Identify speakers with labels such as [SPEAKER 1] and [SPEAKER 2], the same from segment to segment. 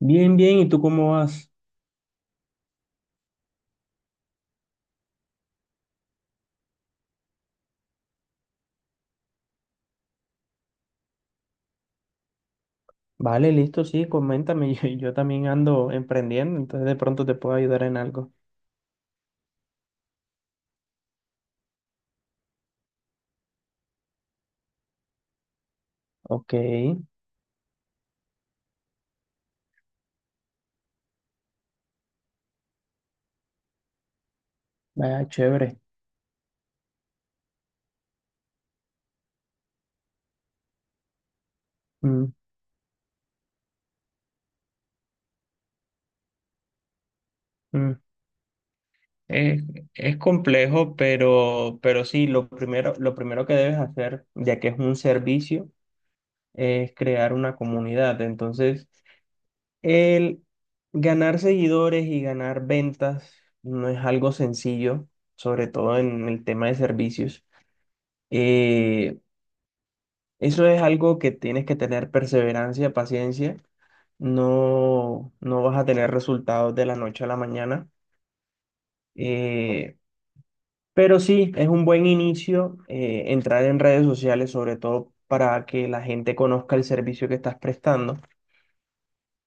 [SPEAKER 1] Bien, bien, ¿y tú cómo vas? Vale, listo, sí, coméntame, yo también ando emprendiendo, entonces de pronto te puedo ayudar en algo. Ok, vaya, chévere. Mm, mm. Es, es complejo, pero sí, lo primero que debes hacer, ya que es un servicio, es crear una comunidad. Entonces, el ganar seguidores y ganar ventas no es algo sencillo, sobre todo en el tema de servicios. Eh, Eso es algo que tienes que tener perseverancia, paciencia. No, no vas a tener resultados de la noche a la mañana. eh, pero sí, es un buen inicio, entrar en redes sociales, sobre todo para que la gente conozca el servicio que estás prestando.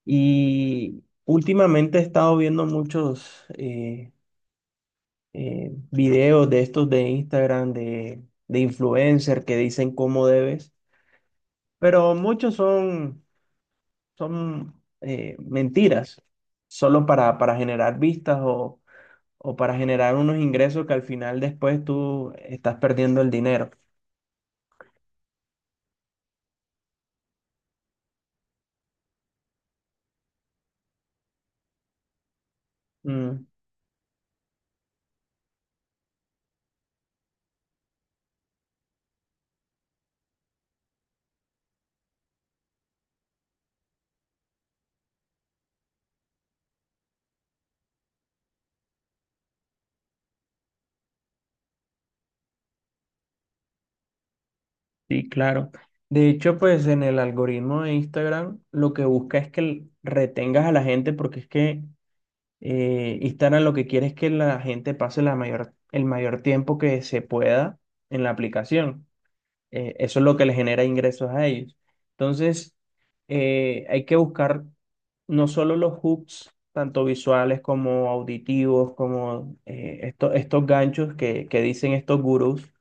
[SPEAKER 1] Y últimamente he estado viendo muchos videos de estos de Instagram, de influencer que dicen cómo debes, pero muchos son son mentiras, solo para generar vistas, o para generar unos ingresos que al final después tú estás perdiendo el dinero. Mm, sí, claro. De hecho, pues en el algoritmo de Instagram lo que busca es que retengas a la gente, porque es que Instagram lo que quiere es que la gente pase la mayor, el mayor tiempo que se pueda en la aplicación. Eso es lo que les genera ingresos a ellos. Entonces, hay que buscar no solo los hooks, tanto visuales como auditivos, como estos ganchos que dicen estos gurús,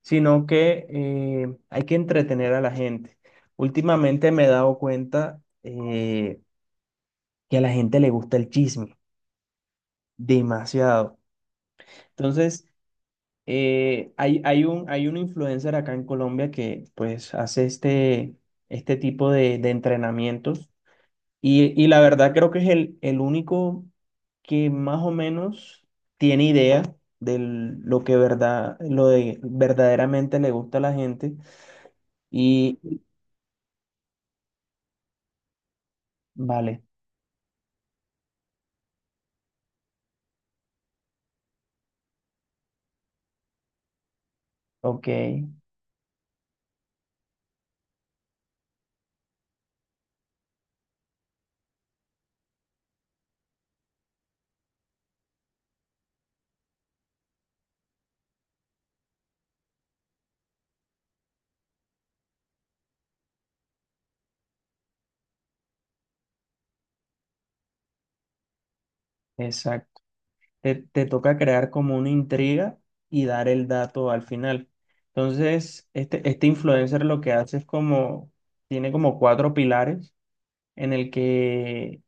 [SPEAKER 1] sino que hay que entretener a la gente. Últimamente me he dado cuenta que a la gente le gusta el chisme demasiado. Entonces, hay un influencer acá en Colombia que pues hace este tipo de entrenamientos, y la verdad creo que es el único que más o menos tiene idea de lo de verdaderamente le gusta a la gente y vale, ok, exacto. Te toca crear como una intriga y dar el dato al final. Entonces, este influencer lo que hace es como, tiene como cuatro pilares en el que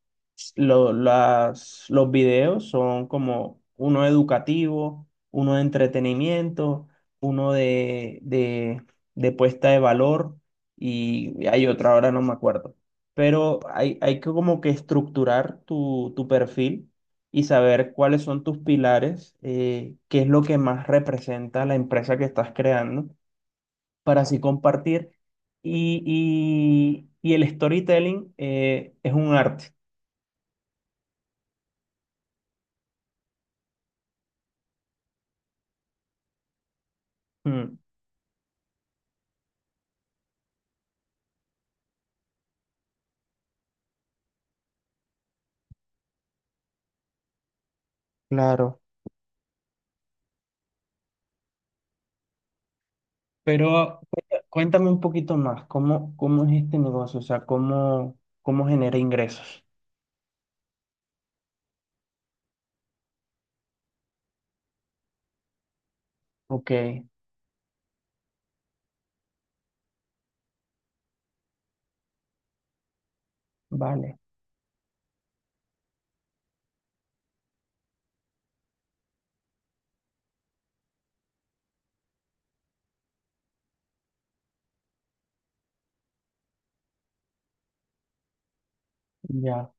[SPEAKER 1] los videos son como uno educativo, uno de entretenimiento, uno de puesta de valor, y hay otra, ahora no me acuerdo. Pero hay que como que estructurar tu perfil y saber cuáles son tus pilares, qué es lo que más representa la empresa que estás creando, para así compartir. Y el storytelling, es un arte. Mm. Claro. Pero cuéntame un poquito más, ¿cómo, cómo es este negocio? O sea, ¿cómo, cómo genera ingresos? Ok, vale, ya,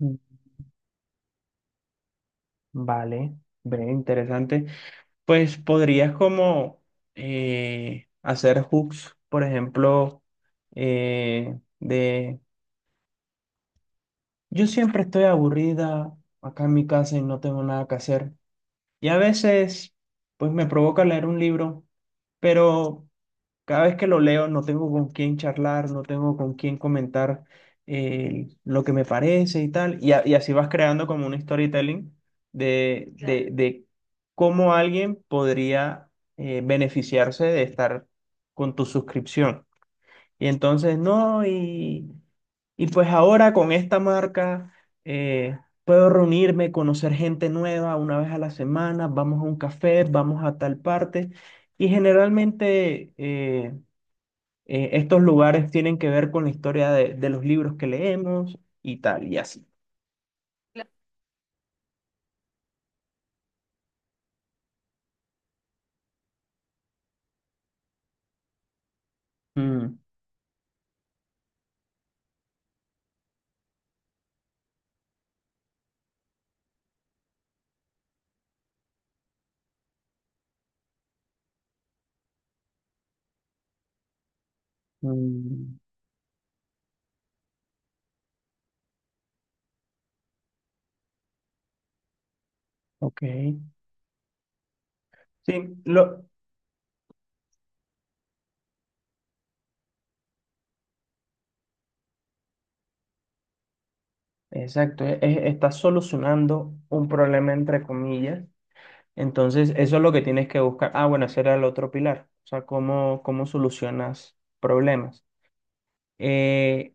[SPEAKER 1] mm, vale, ve, interesante. Pues podrías como hacer hooks, por ejemplo, de: «Yo siempre estoy aburrida acá en mi casa y no tengo nada que hacer. Y a veces, pues me provoca leer un libro, pero cada vez que lo leo no tengo con quién charlar, no tengo con quién comentar lo que me parece y tal». Y así vas creando como un storytelling de. Claro. De cómo alguien podría beneficiarse de estar con tu suscripción. Y entonces, no, y pues ahora con esta marca eh, puedo reunirme, conocer gente nueva una vez a la semana, vamos a un café, vamos a tal parte. Y generalmente estos lugares tienen que ver con la historia de los libros que leemos y tal, y así. Cla- Mm, mm, ok. Sí, lo, exacto, está solucionando un problema entre comillas. Entonces, eso es lo que tienes que buscar. Ah, bueno, ese era el otro pilar. O sea, cómo, cómo solucionas problemas. Eh,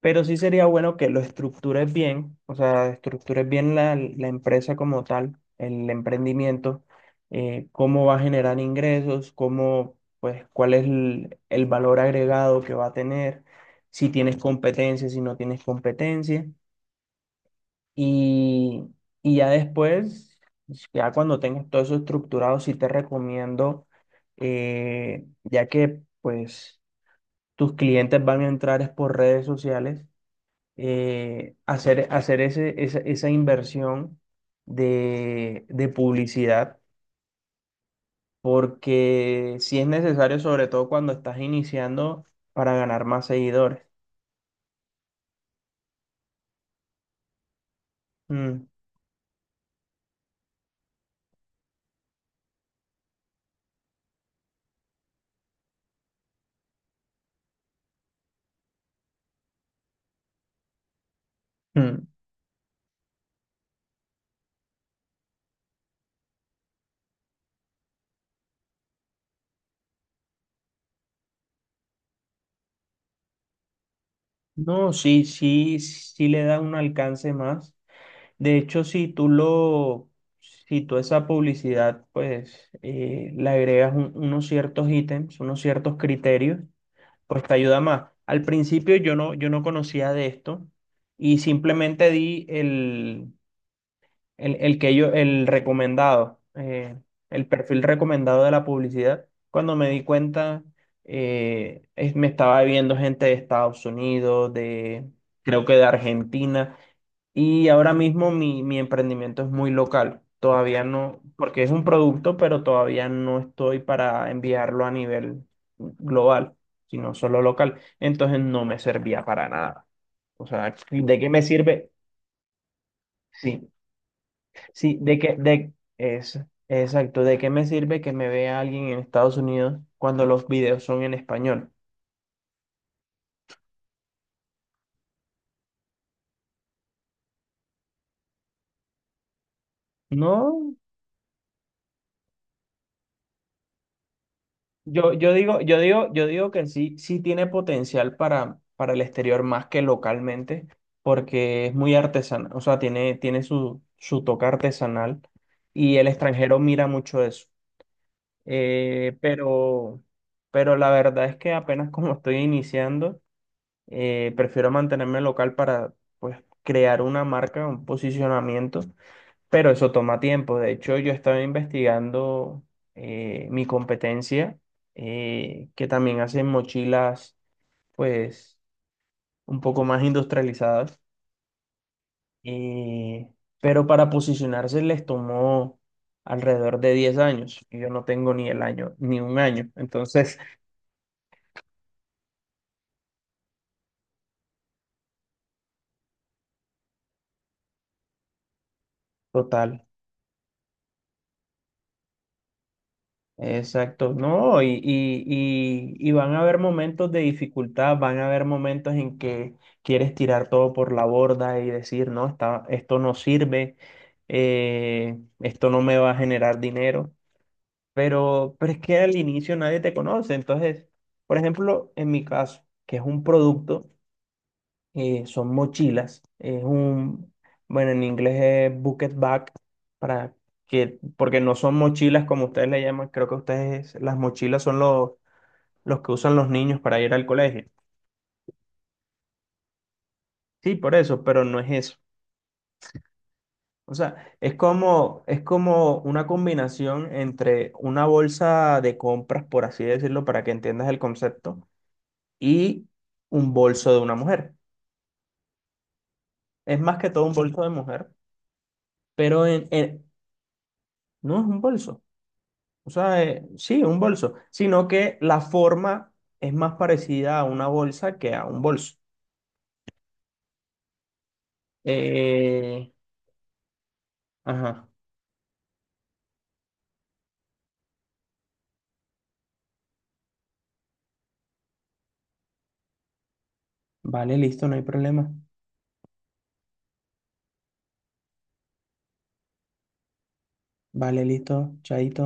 [SPEAKER 1] pero sí sería bueno que lo estructures bien, o sea, estructures bien la empresa como tal, el emprendimiento, cómo va a generar ingresos, cómo, pues, cuál es el valor agregado que va a tener, si tienes competencia, si no tienes competencia. Y, y ya después, ya cuando tengas todo eso estructurado, sí te recomiendo, ya que pues tus clientes van a entrar es por redes sociales, hacer ese, esa inversión de publicidad, porque sí es necesario, sobre todo cuando estás iniciando, para ganar más seguidores. Mm, mm. No, sí, sí, sí le da un alcance más. De hecho, si tú esa publicidad, pues le agregas unos ciertos ítems, unos ciertos criterios, pues te ayuda más. Al principio yo no conocía de esto, y simplemente di el recomendado, el perfil recomendado de la publicidad. Cuando me di cuenta, me estaba viendo gente de Estados Unidos, creo que de Argentina. Y ahora mismo mi emprendimiento es muy local. Todavía no, porque es un producto, pero todavía no estoy para enviarlo a nivel global, sino solo local. Entonces no me servía para nada. O sea, ¿de qué me sirve? Sí, sí, de qué, de, es, exacto, ¿de qué me sirve que me vea alguien en Estados Unidos cuando los videos son en español? No, yo digo que sí, sí tiene potencial para el exterior más que localmente, porque es muy artesanal, o sea, tiene su toque artesanal, y el extranjero mira mucho eso. Eh, pero, pero la verdad es que apenas, como estoy iniciando, prefiero mantenerme local para, pues, crear una marca, un posicionamiento, pero eso toma tiempo. De hecho, yo estaba investigando mi competencia, que también hacen mochilas, pues, un poco más industrializadas. eh, pero para posicionarse les tomó alrededor de 10 años. Y yo no tengo ni el año, ni un año. Entonces, total. Exacto, no, y van a haber momentos de dificultad, van a haber momentos en que quieres tirar todo por la borda y decir: no, esto no sirve, esto no me va a generar dinero. Pero es que al inicio nadie te conoce. Entonces, por ejemplo, en mi caso, que es un producto, son mochilas. Bueno, en inglés es bucket bag, para porque no son mochilas como ustedes le llaman; creo que ustedes, las mochilas son los que usan los niños para ir al colegio. Sí, por eso, pero no es eso. O sea, es como una combinación entre una bolsa de compras, por así decirlo, para que entiendas el concepto, y un bolso de una mujer. Es más que todo un bolso de mujer, pero no es un bolso. O sea, sí, un bolso, sino que la forma es más parecida a una bolsa que a un bolso. Eh, ajá, vale, listo, no hay problema. Vale, listo, chaito.